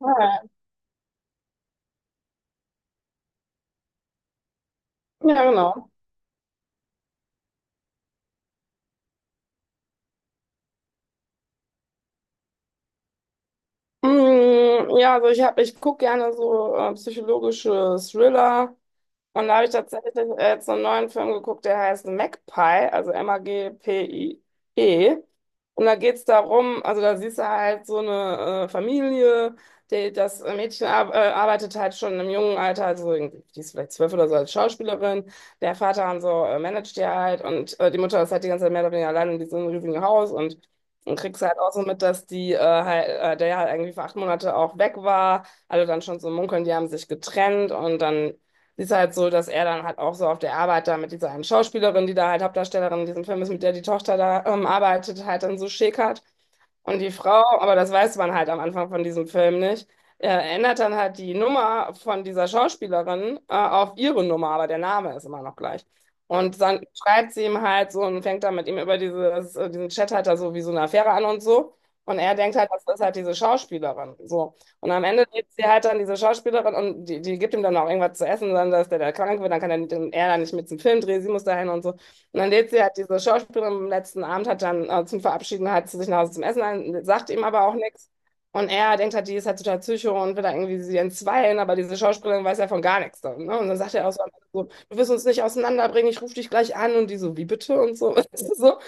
Ja, ja, genau. Mm, ja, also ich gucke gerne so psychologische Thriller. Und da habe ich tatsächlich jetzt einen neuen Film geguckt, der heißt Magpie, also Magpie. Und da geht's darum, also da siehst du halt so eine Familie, die, das Mädchen ar arbeitet halt schon im jungen Alter, also irgendwie, die ist vielleicht 12 oder so als Schauspielerin. Der Vater und so managt die halt und die Mutter ist halt die ganze Zeit mehr oder weniger allein in diesem riesigen Haus. Und kriegst halt auch so mit, dass die, halt, der ja halt irgendwie für 8 Monate auch weg war. Alle dann schon so munkeln, die haben sich getrennt, und dann ist halt so, dass er dann halt auch so auf der Arbeit da mit dieser einen Schauspielerin, die da halt Hauptdarstellerin in diesem Film ist, mit der die Tochter da arbeitet, halt dann so schäkert. Und die Frau, aber das weiß man halt am Anfang von diesem Film nicht, äh, ändert dann halt die Nummer von dieser Schauspielerin auf ihre Nummer, aber der Name ist immer noch gleich. Und dann schreibt sie ihm halt so und fängt dann mit ihm über dieses, diesen Chat halt da so wie so eine Affäre an und so. Und er denkt halt, das ist halt diese Schauspielerin. So. Und am Ende lebt sie halt dann diese Schauspielerin, und die, die gibt ihm dann auch irgendwas zu essen, dann dass der da krank wird, dann kann er dann nicht mit zum Film drehen, sie muss dahin und so. Und dann lädt sie halt diese Schauspielerin am letzten Abend, hat dann zum Verabschieden halt zu sich nach Hause zum Essen ein, sagt ihm aber auch nichts. Und er denkt halt, die ist halt total Psycho und will da irgendwie sie entzweien, aber diese Schauspielerin weiß ja von gar nichts dann, ne? Und dann sagt er auch so, am Ende so: „Du wirst uns nicht auseinanderbringen, ich rufe dich gleich an", und die so: „Wie bitte?" und so. So.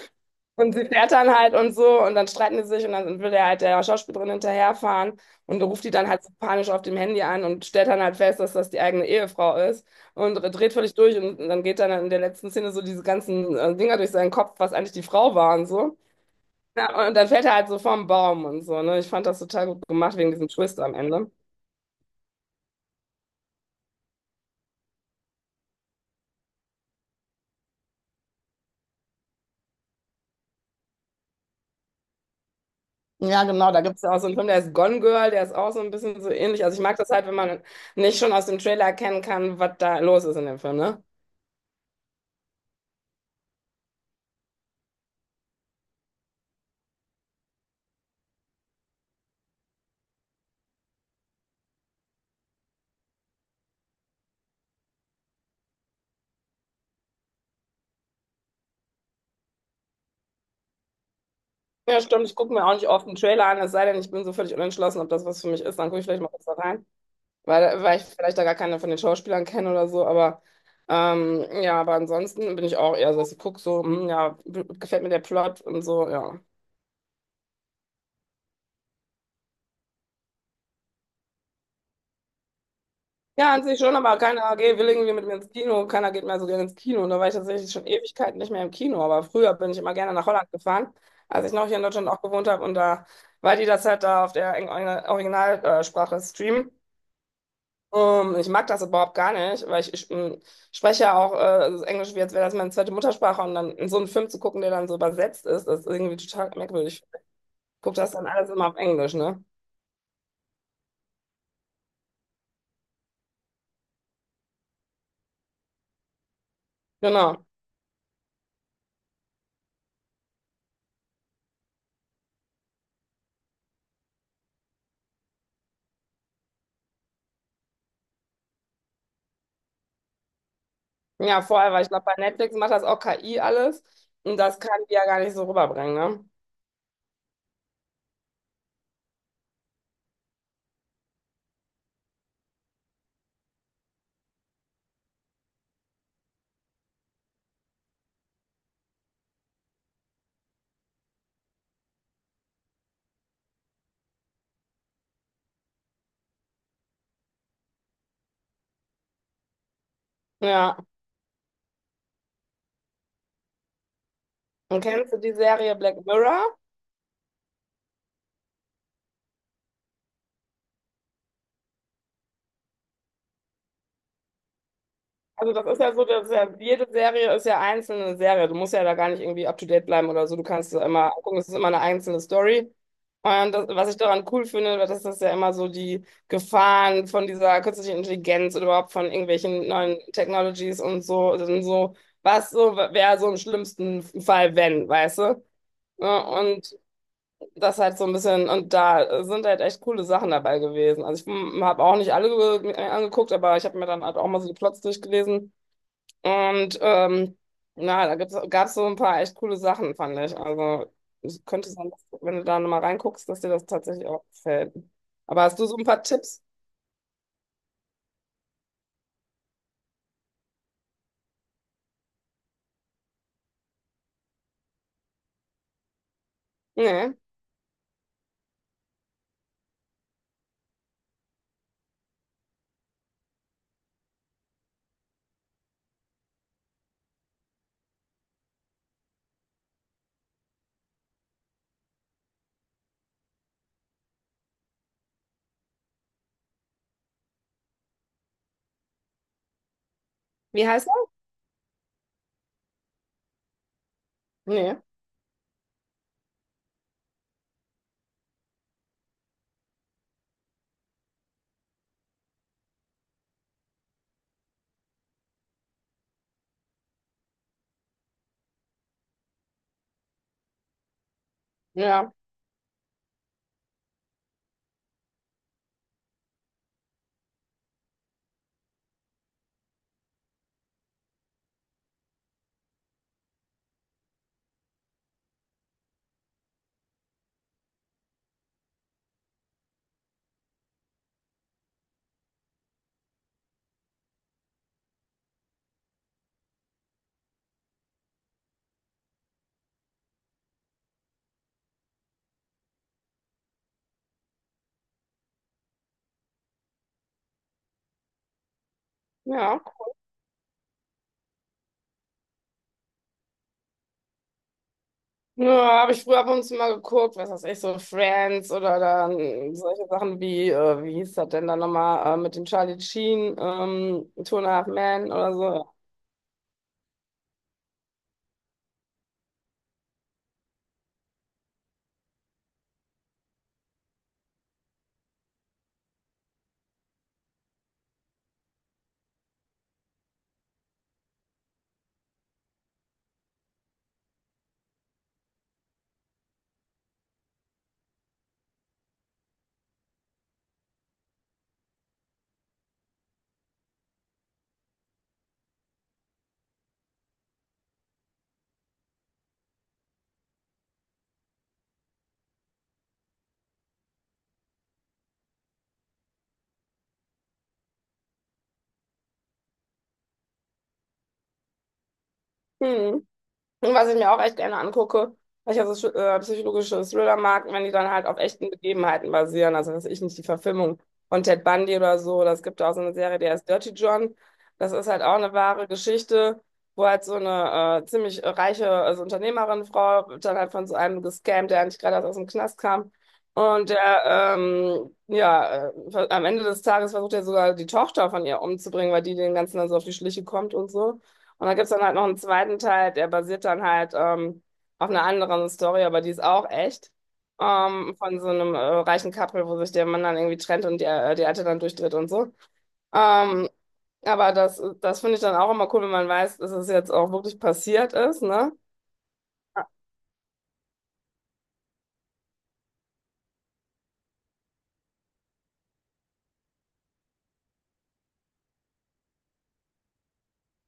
Und sie fährt dann halt und so, und dann streiten die sich, und dann will der halt der Schauspielerin hinterherfahren und ruft die dann halt so panisch auf dem Handy an und stellt dann halt fest, dass das die eigene Ehefrau ist, und dreht völlig durch, und dann geht dann in der letzten Szene so diese ganzen Dinger durch seinen Kopf, was eigentlich die Frau war und so. Ja, und dann fällt er halt so vom Baum und so, ne? Ich fand das total gut gemacht wegen diesem Twist am Ende. Ja, genau, da gibt es ja auch so einen Film, der ist Gone Girl, der ist auch so ein bisschen so ähnlich. Also ich mag das halt, wenn man nicht schon aus dem Trailer erkennen kann, was da los ist in dem Film, ne? Ja, stimmt. Ich gucke mir auch nicht oft einen Trailer an, es sei denn, ich bin so völlig unentschlossen, ob das was für mich ist. Dann gucke ich vielleicht mal kurz da rein, weil ich vielleicht da gar keine von den Schauspielern kenne oder so. Aber ja, aber ansonsten bin ich auch eher so, dass ich gucke so, hm, ja, gefällt mir der Plot und so, ja. Ja, an sich schon, aber keiner geht, will irgendwie mit mir ins Kino, keiner geht mehr so gerne ins Kino. Und da war ich tatsächlich schon Ewigkeiten nicht mehr im Kino, aber früher bin ich immer gerne nach Holland gefahren, als ich noch hier in Deutschland auch gewohnt habe. Und da, weil die das halt da auf der Originalsprache streamen. Ich mag das überhaupt gar nicht, weil ich spreche ja auch so Englisch, wie als wäre das meine zweite Muttersprache. Und dann in so einen Film zu gucken, der dann so übersetzt ist, das ist irgendwie total merkwürdig. Ich gucke das dann alles immer auf Englisch, ne? Genau. Ja, vorher, weil ich glaube, bei Netflix macht das auch KI alles. Und das kann die ja gar nicht so rüberbringen, ne? Ja. Und kennst du die Serie Black Mirror? Also das ist ja so, dass ja jede Serie ist ja einzelne Serie. Du musst ja da gar nicht irgendwie up to date bleiben oder so. Du kannst es immer angucken, es ist immer eine einzelne Story. Und das, was ich daran cool finde, weil das ist ja immer so die Gefahren von dieser künstlichen Intelligenz oder überhaupt von irgendwelchen neuen Technologies und so, was so wäre so im schlimmsten Fall, wenn, weißt du? Ja. Und das halt so ein bisschen, und da sind halt echt coole Sachen dabei gewesen. Also ich habe auch nicht alle mir angeguckt, aber ich habe mir dann halt auch mal so die Plots durchgelesen. Und na, da gibt's, gab's so ein paar echt coole Sachen, fand ich. Also es könnte sein, dass, wenn du da nochmal reinguckst, dass dir das tatsächlich auch gefällt. Aber hast du so ein paar Tipps? Nee. Wie heißt er? Nee. Ja. Ja. Ja, habe ich früher ab und zu mal geguckt, was weiß ich, so Friends oder dann solche Sachen wie, wie hieß das denn dann nochmal, mit dem Charlie Sheen, Two and a Half Men oder so. Hm. Und was ich mir auch echt gerne angucke, weil ich ja so psychologische Thriller mag, wenn die dann halt auf echten Begebenheiten basieren. Also, weiß ich nicht, die Verfilmung von Ted Bundy oder so. Das gibt auch so eine Serie, die heißt Dirty John. Das ist halt auch eine wahre Geschichte, wo halt so eine ziemlich reiche, also Unternehmerin, Frau, wird dann halt von so einem gescammt, der eigentlich gerade erst aus dem Knast kam. Und der, ja, am Ende des Tages versucht er sogar die Tochter von ihr umzubringen, weil die den ganzen dann so auf die Schliche kommt und so. Und da gibt's dann halt noch einen zweiten Teil, der basiert dann halt auf einer anderen Story, aber die ist auch echt. Von so einem reichen Couple, wo sich der Mann dann irgendwie trennt und die Alte dann durchdreht und so. Ähm, aber das, das finde ich dann auch immer cool, wenn man weiß, dass es jetzt auch wirklich passiert ist, ne?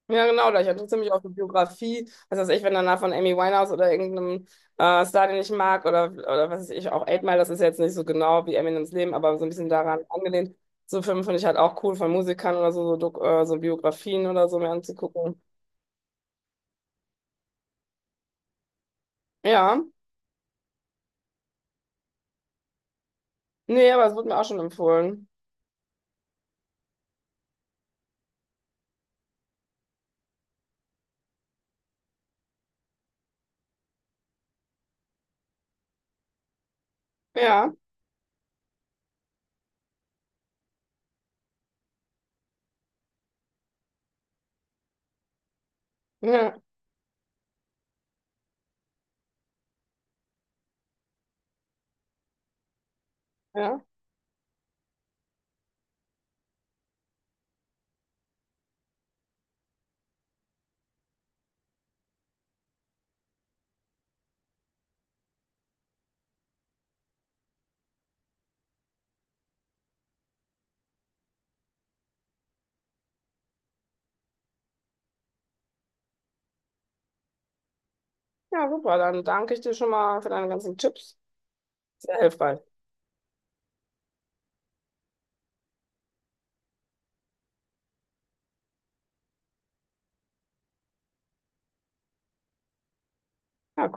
Ja, genau, da ich interessiere mich auch für Biografie. Was weiß ich, wenn danach von Amy Winehouse oder irgendeinem Star, den ich mag, oder was weiß ich, auch Eight Mile, das ist ja jetzt nicht so genau wie Eminems Leben, aber so ein bisschen daran angelehnt. So Filme finde ich halt auch cool von Musikern oder so, so, so Biografien oder so mir anzugucken. Ja, nee, aber es wurde mir auch schon empfohlen. Ja, ja, ja. Ja, super, dann danke ich dir schon mal für deine ganzen Tipps. Sehr hilfreich. Ja,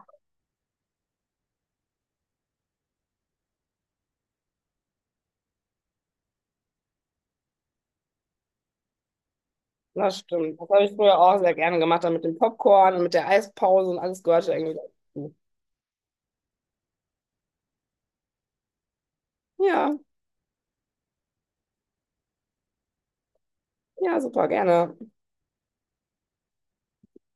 das stimmt. Das habe ich früher auch sehr gerne gemacht, dann mit dem Popcorn und mit der Eispause, und alles gehörte irgendwie dazu. Ja. Ja, super, gerne.